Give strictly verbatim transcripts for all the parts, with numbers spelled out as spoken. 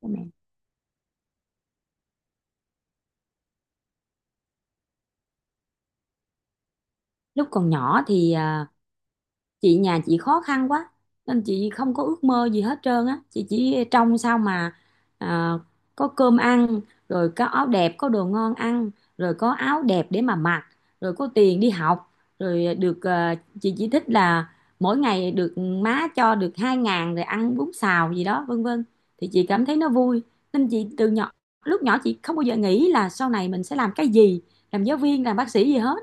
Cho mẹ. Lúc còn nhỏ thì à, chị nhà chị khó khăn quá nên chị không có ước mơ gì hết trơn á, chị chỉ trông sao mà à, có cơm ăn, rồi có áo đẹp, có đồ ngon ăn, rồi có áo đẹp để mà mặc, rồi có tiền đi học, rồi được à, chị chỉ thích là mỗi ngày được má cho được hai ngàn rồi ăn bún xào gì đó, vân vân, thì chị cảm thấy nó vui. Nên chị từ nhỏ, lúc nhỏ, chị không bao giờ nghĩ là sau này mình sẽ làm cái gì, làm giáo viên, làm bác sĩ gì hết.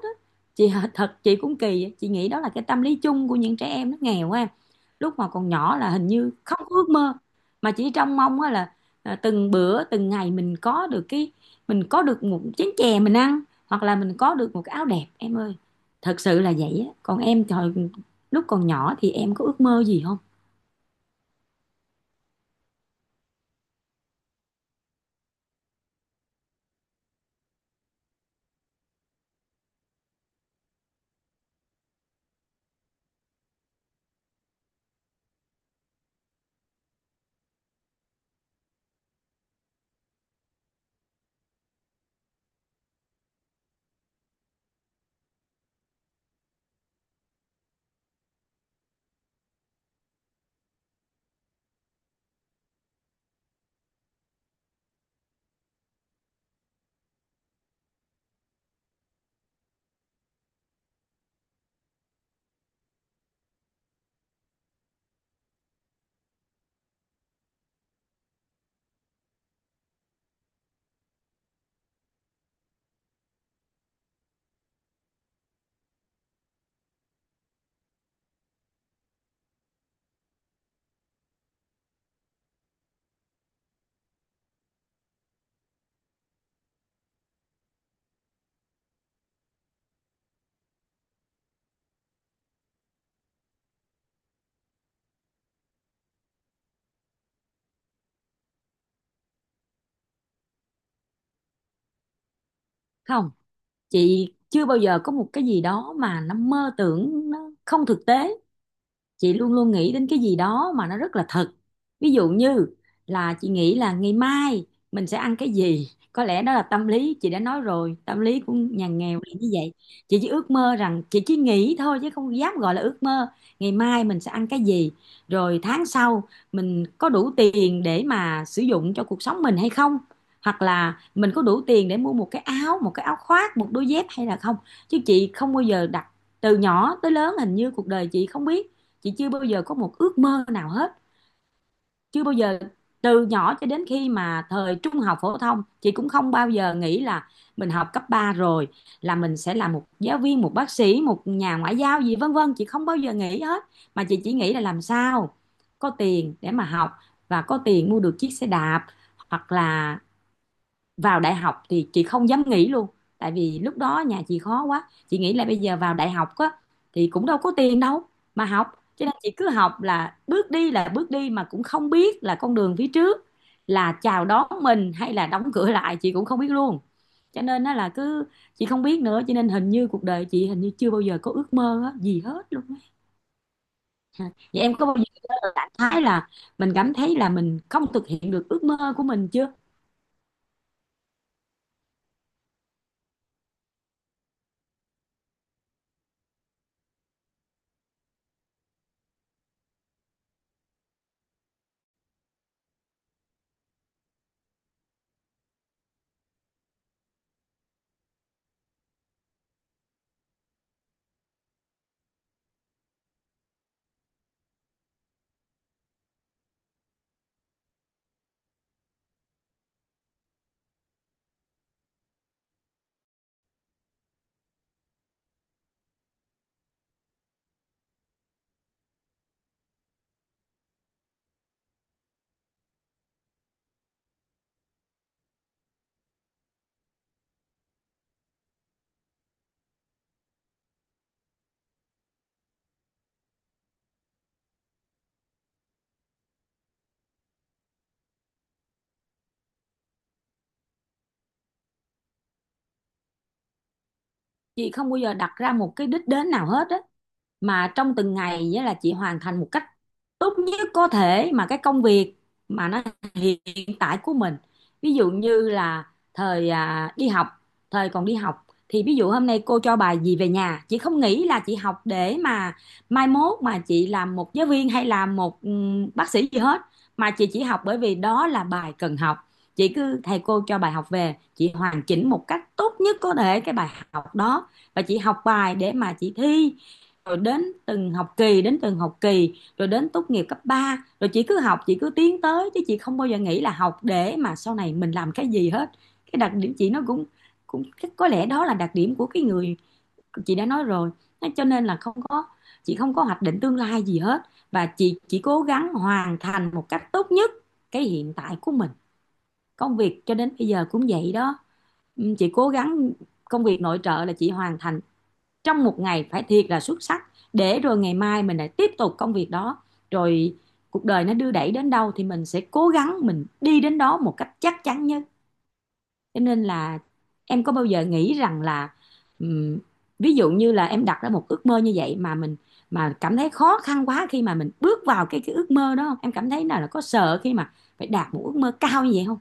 Chị thật chị cũng kỳ, chị nghĩ đó là cái tâm lý chung của những trẻ em nó nghèo á em. Lúc mà còn nhỏ là hình như không có ước mơ, mà chỉ trông mong á là à, từng bữa từng ngày mình có được cái, mình có được một chén chè mình ăn, hoặc là mình có được một cái áo đẹp em ơi. Thật sự là vậy á. Còn em thời, lúc còn nhỏ thì em có ước mơ gì không? Không, chị chưa bao giờ có một cái gì đó mà nó mơ tưởng, nó không thực tế. Chị luôn luôn nghĩ đến cái gì đó mà nó rất là thật. Ví dụ như là chị nghĩ là ngày mai mình sẽ ăn cái gì, có lẽ đó là tâm lý, chị đã nói rồi, tâm lý của nhà nghèo là như vậy. Chị chỉ ước mơ rằng, chị chỉ nghĩ thôi chứ không dám gọi là ước mơ, ngày mai mình sẽ ăn cái gì, rồi tháng sau mình có đủ tiền để mà sử dụng cho cuộc sống mình hay không, hoặc là mình có đủ tiền để mua một cái áo, một cái áo khoác, một đôi dép hay là không. Chứ chị không bao giờ đặt, từ nhỏ tới lớn hình như cuộc đời chị không biết, chị chưa bao giờ có một ước mơ nào hết, chưa bao giờ. Từ nhỏ cho đến khi mà thời trung học phổ thông chị cũng không bao giờ nghĩ là mình học cấp ba rồi là mình sẽ là một giáo viên, một bác sĩ, một nhà ngoại giao gì, vân vân, chị không bao giờ nghĩ hết. Mà chị chỉ nghĩ là làm sao có tiền để mà học, và có tiền mua được chiếc xe đạp. Hoặc là vào đại học thì chị không dám nghĩ luôn, tại vì lúc đó nhà chị khó quá, chị nghĩ là bây giờ vào đại học á thì cũng đâu có tiền đâu mà học. Cho nên chị cứ học, là bước đi là bước đi, mà cũng không biết là con đường phía trước là chào đón mình hay là đóng cửa lại, chị cũng không biết luôn. Cho nên á là cứ, chị không biết nữa, cho nên hình như cuộc đời chị hình như chưa bao giờ có ước mơ á, gì hết luôn á. Dạ. Vậy em có bao giờ rảnh thái là mình cảm thấy là mình không thực hiện được ước mơ của mình chưa? Chị không bao giờ đặt ra một cái đích đến nào hết á, mà trong từng ngày nghĩa là chị hoàn thành một cách tốt nhất có thể mà cái công việc mà nó hiện tại của mình. Ví dụ như là thời à, đi học, thời còn đi học thì ví dụ hôm nay cô cho bài gì về nhà, chị không nghĩ là chị học để mà mai mốt mà chị làm một giáo viên hay làm một ừm, bác sĩ gì hết. Mà chị chỉ học bởi vì đó là bài cần học. Chị cứ thầy cô cho bài học về chị hoàn chỉnh một cách tốt nhất có thể cái bài học đó, và chị học bài để mà chị thi, rồi đến từng học kỳ đến từng học kỳ, rồi đến tốt nghiệp cấp ba, rồi chị cứ học, chị cứ tiến tới, chứ chị không bao giờ nghĩ là học để mà sau này mình làm cái gì hết. Cái đặc điểm chị nó cũng, cũng, có lẽ đó là đặc điểm của cái người, chị đã nói rồi. Cho nên là không có, chị không có hoạch định tương lai gì hết, và chị chỉ cố gắng hoàn thành một cách tốt nhất cái hiện tại của mình. Công việc cho đến bây giờ cũng vậy đó. Ừ, chị cố gắng công việc nội trợ là chị hoàn thành trong một ngày phải thiệt là xuất sắc, để rồi ngày mai mình lại tiếp tục công việc đó. Rồi cuộc đời nó đưa đẩy đến đâu thì mình sẽ cố gắng mình đi đến đó một cách chắc chắn nhất. Cho nên là em có bao giờ nghĩ rằng là ừm, ví dụ như là em đặt ra một ước mơ như vậy mà mình, mà cảm thấy khó khăn quá khi mà mình bước vào cái cái ước mơ đó không, em cảm thấy nào là có sợ khi mà phải đạt một ước mơ cao như vậy không?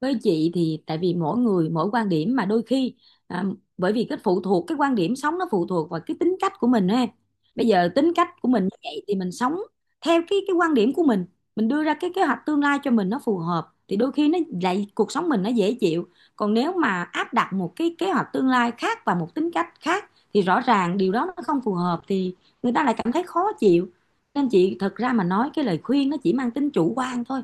Với chị thì tại vì mỗi người mỗi quan điểm, mà đôi khi à, bởi vì cái phụ thuộc cái quan điểm sống, nó phụ thuộc vào cái tính cách của mình đó em. Bây giờ tính cách của mình như vậy thì mình sống theo cái cái quan điểm của mình mình đưa ra cái kế hoạch tương lai cho mình nó phù hợp thì đôi khi nó lại cuộc sống mình nó dễ chịu. Còn nếu mà áp đặt một cái kế hoạch tương lai khác và một tính cách khác thì rõ ràng điều đó nó không phù hợp, thì người ta lại cảm thấy khó chịu. Nên chị thật ra mà nói cái lời khuyên nó chỉ mang tính chủ quan thôi,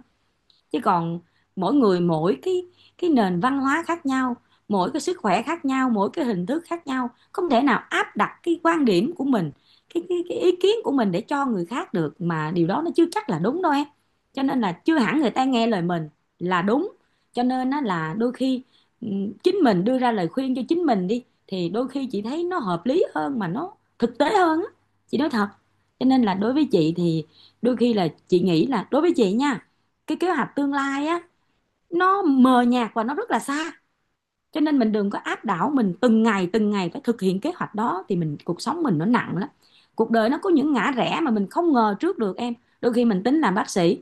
chứ còn mỗi người mỗi cái cái nền văn hóa khác nhau, mỗi cái sức khỏe khác nhau, mỗi cái hình thức khác nhau, không thể nào áp đặt cái quan điểm của mình, cái cái, cái ý kiến của mình để cho người khác được, mà điều đó nó chưa chắc là đúng đâu em. Cho nên là chưa hẳn người ta nghe lời mình là đúng. Cho nên á là đôi khi ừm, chính mình đưa ra lời khuyên cho chính mình đi thì đôi khi chị thấy nó hợp lý hơn mà nó thực tế hơn á, chị nói thật. Cho nên là đối với chị thì đôi khi là chị nghĩ là đối với chị nha, cái kế hoạch tương lai á, nó mờ nhạt và nó rất là xa. Cho nên mình đừng có áp đảo mình từng ngày từng ngày phải thực hiện kế hoạch đó, thì mình cuộc sống mình nó nặng lắm. Cuộc đời nó có những ngã rẽ mà mình không ngờ trước được em. Đôi khi mình tính làm bác sĩ,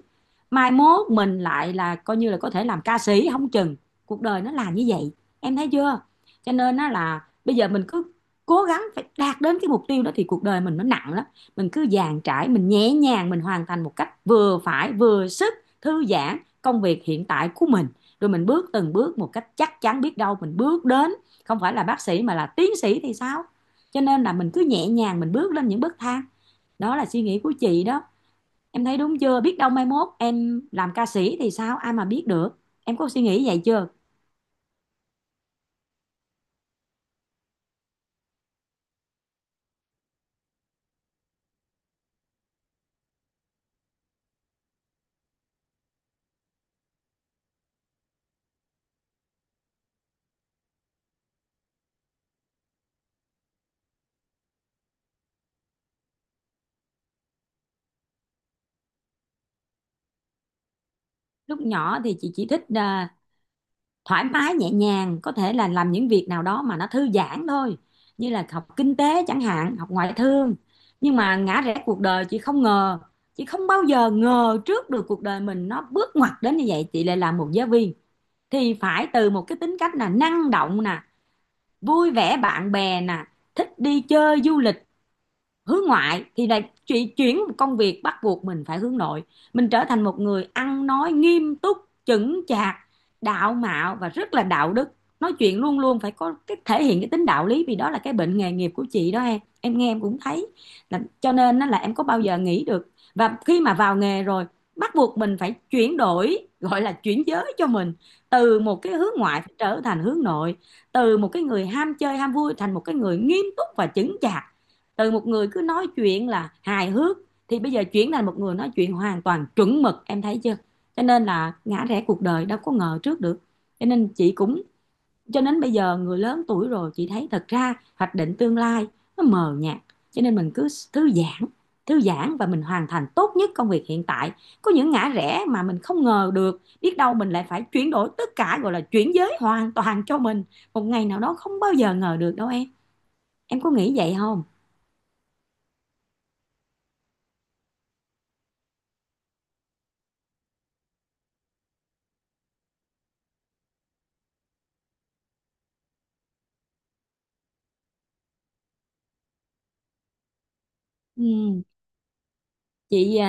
mai mốt mình lại là coi như là có thể làm ca sĩ không chừng. Cuộc đời nó là như vậy, em thấy chưa? Cho nên á là bây giờ mình cứ cố gắng phải đạt đến cái mục tiêu đó thì cuộc đời mình nó nặng lắm. Mình cứ dàn trải, mình nhẹ nhàng, mình hoàn thành một cách vừa phải vừa sức, thư giãn công việc hiện tại của mình, rồi mình bước từng bước một cách chắc chắn, biết đâu mình bước đến không phải là bác sĩ mà là tiến sĩ thì sao. Cho nên là mình cứ nhẹ nhàng mình bước lên những bậc thang. Đó là suy nghĩ của chị đó. Em thấy đúng chưa, biết đâu mai mốt em làm ca sĩ thì sao, ai mà biết được. Em có suy nghĩ vậy chưa? Lúc nhỏ thì chị chỉ thích à, thoải mái nhẹ nhàng, có thể là làm những việc nào đó mà nó thư giãn thôi, như là học kinh tế chẳng hạn, học ngoại thương. Nhưng mà ngã rẽ cuộc đời chị không ngờ, chị không bao giờ ngờ trước được cuộc đời mình nó bước ngoặt đến như vậy, chị lại làm một giáo viên. Thì phải từ một cái tính cách là năng động nè, vui vẻ bạn bè nè, thích đi chơi du lịch, hướng ngoại, thì lại chuyển chuyển một công việc bắt buộc mình phải hướng nội. Mình trở thành một người ăn nói nghiêm túc, chững chạc, đạo mạo và rất là đạo đức, nói chuyện luôn luôn phải có cái thể hiện cái tính đạo lý, vì đó là cái bệnh nghề nghiệp của chị đó em em nghe em cũng thấy. Là cho nên á là em có bao giờ nghĩ được, và khi mà vào nghề rồi bắt buộc mình phải chuyển đổi, gọi là chuyển giới cho mình, từ một cái hướng ngoại trở thành hướng nội, từ một cái người ham chơi ham vui thành một cái người nghiêm túc và chững chạc, từ một người cứ nói chuyện là hài hước thì bây giờ chuyển thành một người nói chuyện hoàn toàn chuẩn mực, em thấy chưa. Cho nên là ngã rẽ cuộc đời đâu có ngờ trước được. Cho nên chị cũng, cho đến bây giờ người lớn tuổi rồi, chị thấy thật ra hoạch định tương lai nó mờ nhạt. Cho nên mình cứ thư giãn, thư giãn, và mình hoàn thành tốt nhất công việc hiện tại. Có những ngã rẽ mà mình không ngờ được, biết đâu mình lại phải chuyển đổi tất cả, gọi là chuyển giới hoàn toàn cho mình một ngày nào đó, không bao giờ ngờ được đâu em. Em có nghĩ vậy không? Ừ, chị